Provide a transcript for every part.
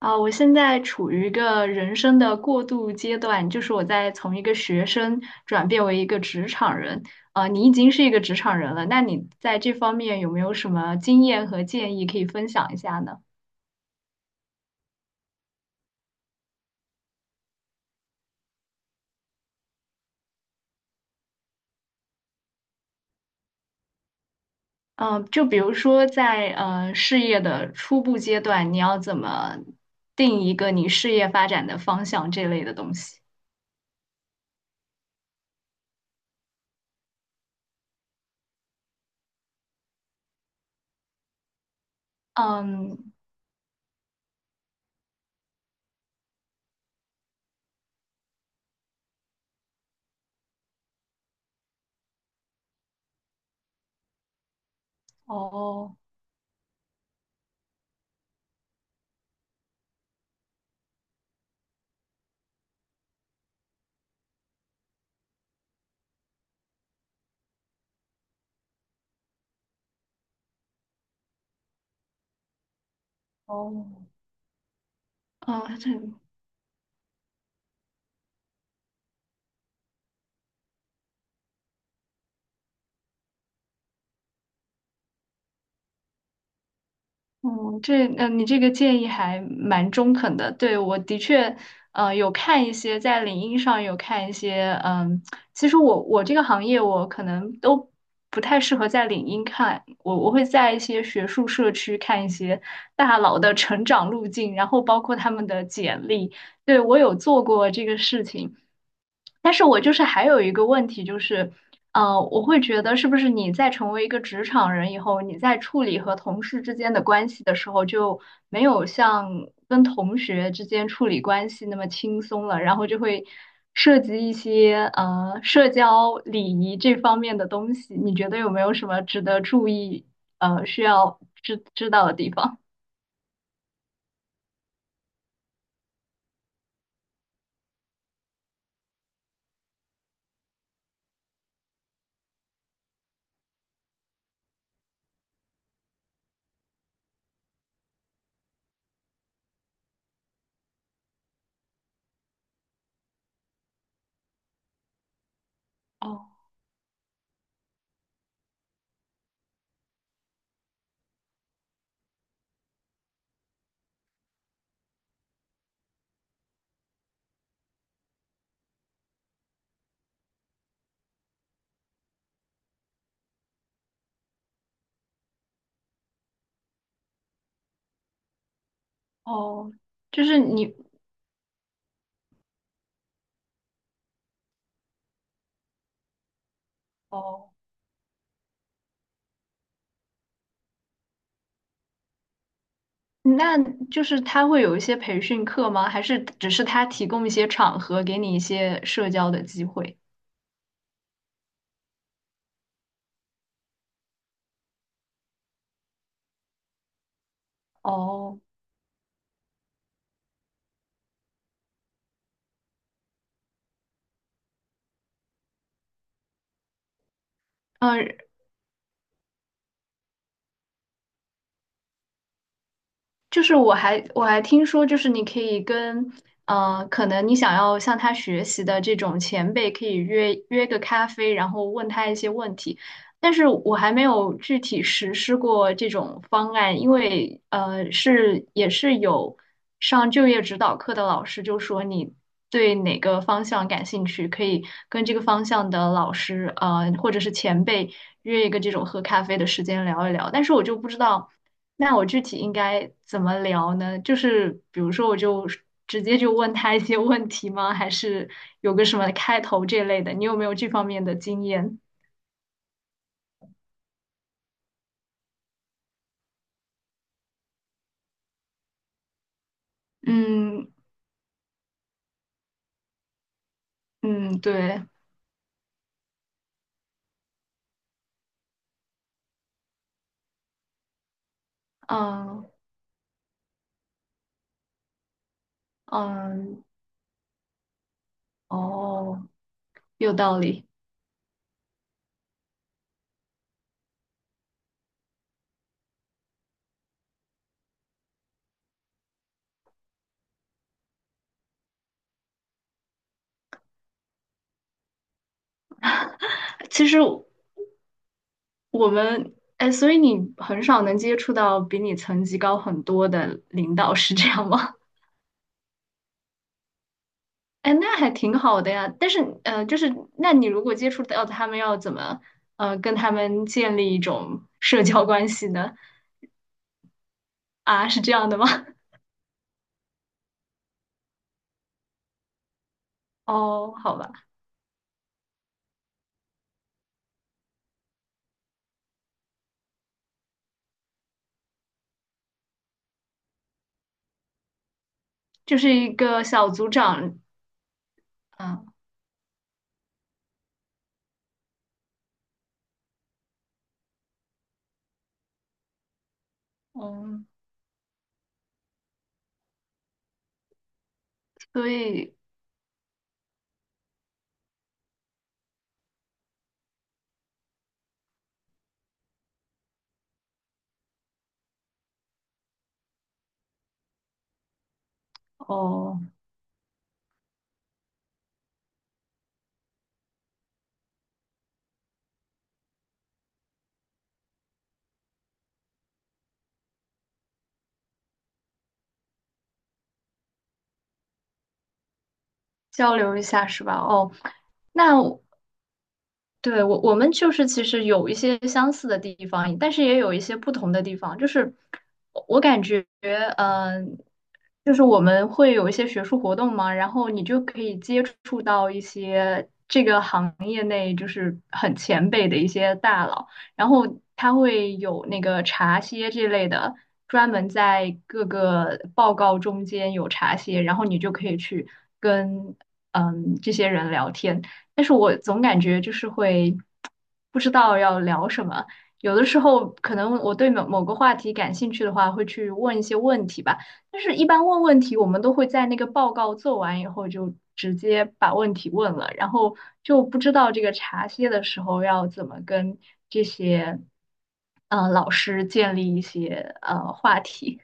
啊，我现在处于一个人生的过渡阶段，就是我在从一个学生转变为一个职场人。啊，你已经是一个职场人了，那你在这方面有没有什么经验和建议可以分享一下呢？嗯、就比如说在事业的初步阶段，你要怎么定一个你事业发展的方向这类的东西？嗯。哦。哦。嗯，这。你这个建议还蛮中肯的。对，我的确，有看一些在领英上有看一些，嗯，其实我这个行业我可能都不太适合在领英看，我会在一些学术社区看一些大佬的成长路径，然后包括他们的简历。对，我有做过这个事情。但是我就是还有一个问题，就是，我会觉得是不是你在成为一个职场人以后，你在处理和同事之间的关系的时候，就没有像跟同学之间处理关系那么轻松了，然后就会涉及一些社交礼仪这方面的东西，你觉得有没有什么值得注意，需要知道的地方？哦哦就是你。哦。那就是他会有一些培训课吗？还是只是他提供一些场合，给你一些社交的机会？哦。嗯。就是我还听说，就是你可以跟，可能你想要向他学习的这种前辈，可以约个咖啡，然后问他一些问题。但是我还没有具体实施过这种方案，因为是也是有上就业指导课的老师就说你对哪个方向感兴趣，可以跟这个方向的老师，或者是前辈约一个这种喝咖啡的时间聊一聊，但是我就不知道，那我具体应该怎么聊呢？就是比如说，我就直接就问他一些问题吗？还是有个什么开头这类的？你有没有这方面的经验？嗯嗯，对，嗯嗯，哦，有道理。其实我们，哎，所以你很少能接触到比你层级高很多的领导，是这样吗？哎，那还挺好的呀。但是，就是，那你如果接触到他们，要怎么，跟他们建立一种社交关系呢？啊，是这样的吗？哦，好吧，就是一个小组长，嗯，哦，所以，哦。交流一下是吧？哦，那我对我们就是其实有一些相似的地方，但是也有一些不同的地方。就是我感觉，嗯、就是我们会有一些学术活动嘛，然后你就可以接触到一些这个行业内就是很前辈的一些大佬。然后它会有那个茶歇这类的，专门在各个报告中间有茶歇，然后你就可以去跟这些人聊天。但是我总感觉就是会不知道要聊什么，有的时候可能我对某某个话题感兴趣的话，会去问一些问题吧。但是，一般问问题，我们都会在那个报告做完以后就直接把问题问了，然后就不知道这个茶歇的时候要怎么跟这些老师建立一些话题。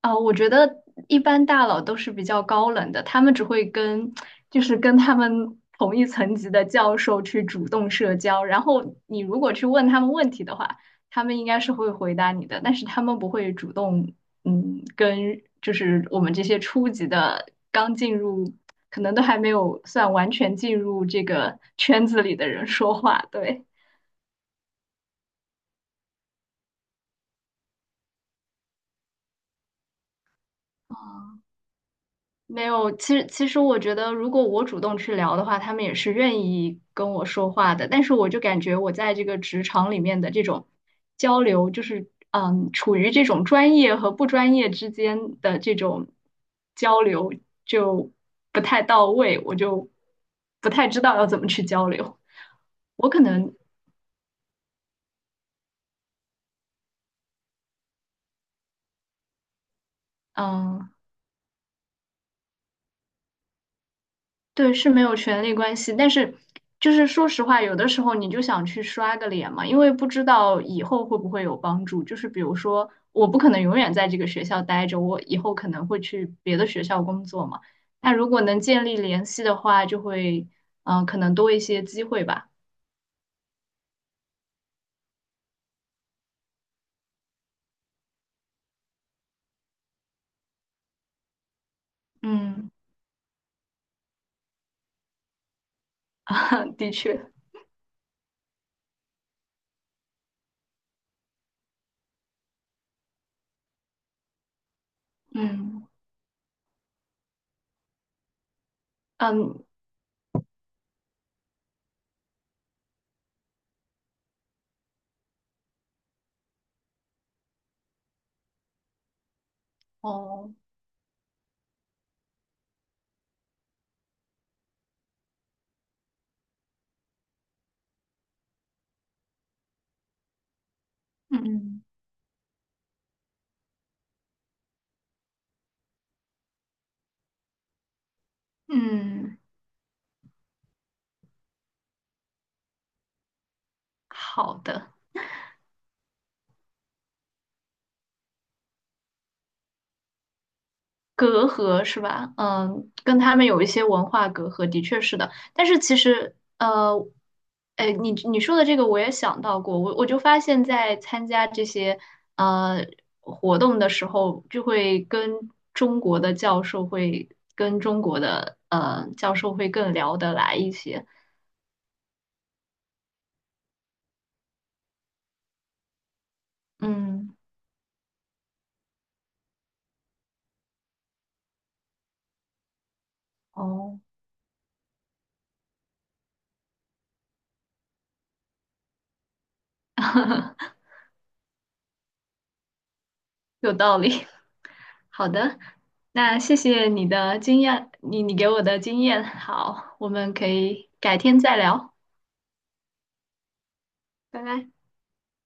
啊，我觉得一般大佬都是比较高冷的，他们只会跟，就是跟他们同一层级的教授去主动社交，然后你如果去问他们问题的话，他们应该是会回答你的，但是他们不会主动，嗯，跟就是我们这些初级的刚进入，可能都还没有算完全进入这个圈子里的人说话，对。没有，其实我觉得，如果我主动去聊的话，他们也是愿意跟我说话的。但是我就感觉我在这个职场里面的这种交流，就是嗯，处于这种专业和不专业之间的这种交流就不太到位，我就不太知道要怎么去交流。我可能嗯，对，是没有权利关系，但是就是说实话，有的时候你就想去刷个脸嘛，因为不知道以后会不会有帮助。就是比如说，我不可能永远在这个学校待着，我以后可能会去别的学校工作嘛。那如果能建立联系的话，就会可能多一些机会吧。嗯，啊，的确，嗯嗯，哦，嗯嗯。嗯，好的。隔阂是吧？嗯，跟他们有一些文化隔阂，的确是的。但是其实，呃，哎，你你说的这个我也想到过，我就发现，在参加这些呃活动的时候，就会跟中国的教授会跟中国的教授会更聊得来一些。嗯，哦，有道理。好的，那谢谢你的经验，你给我的经验。好，我们可以改天再聊。拜拜。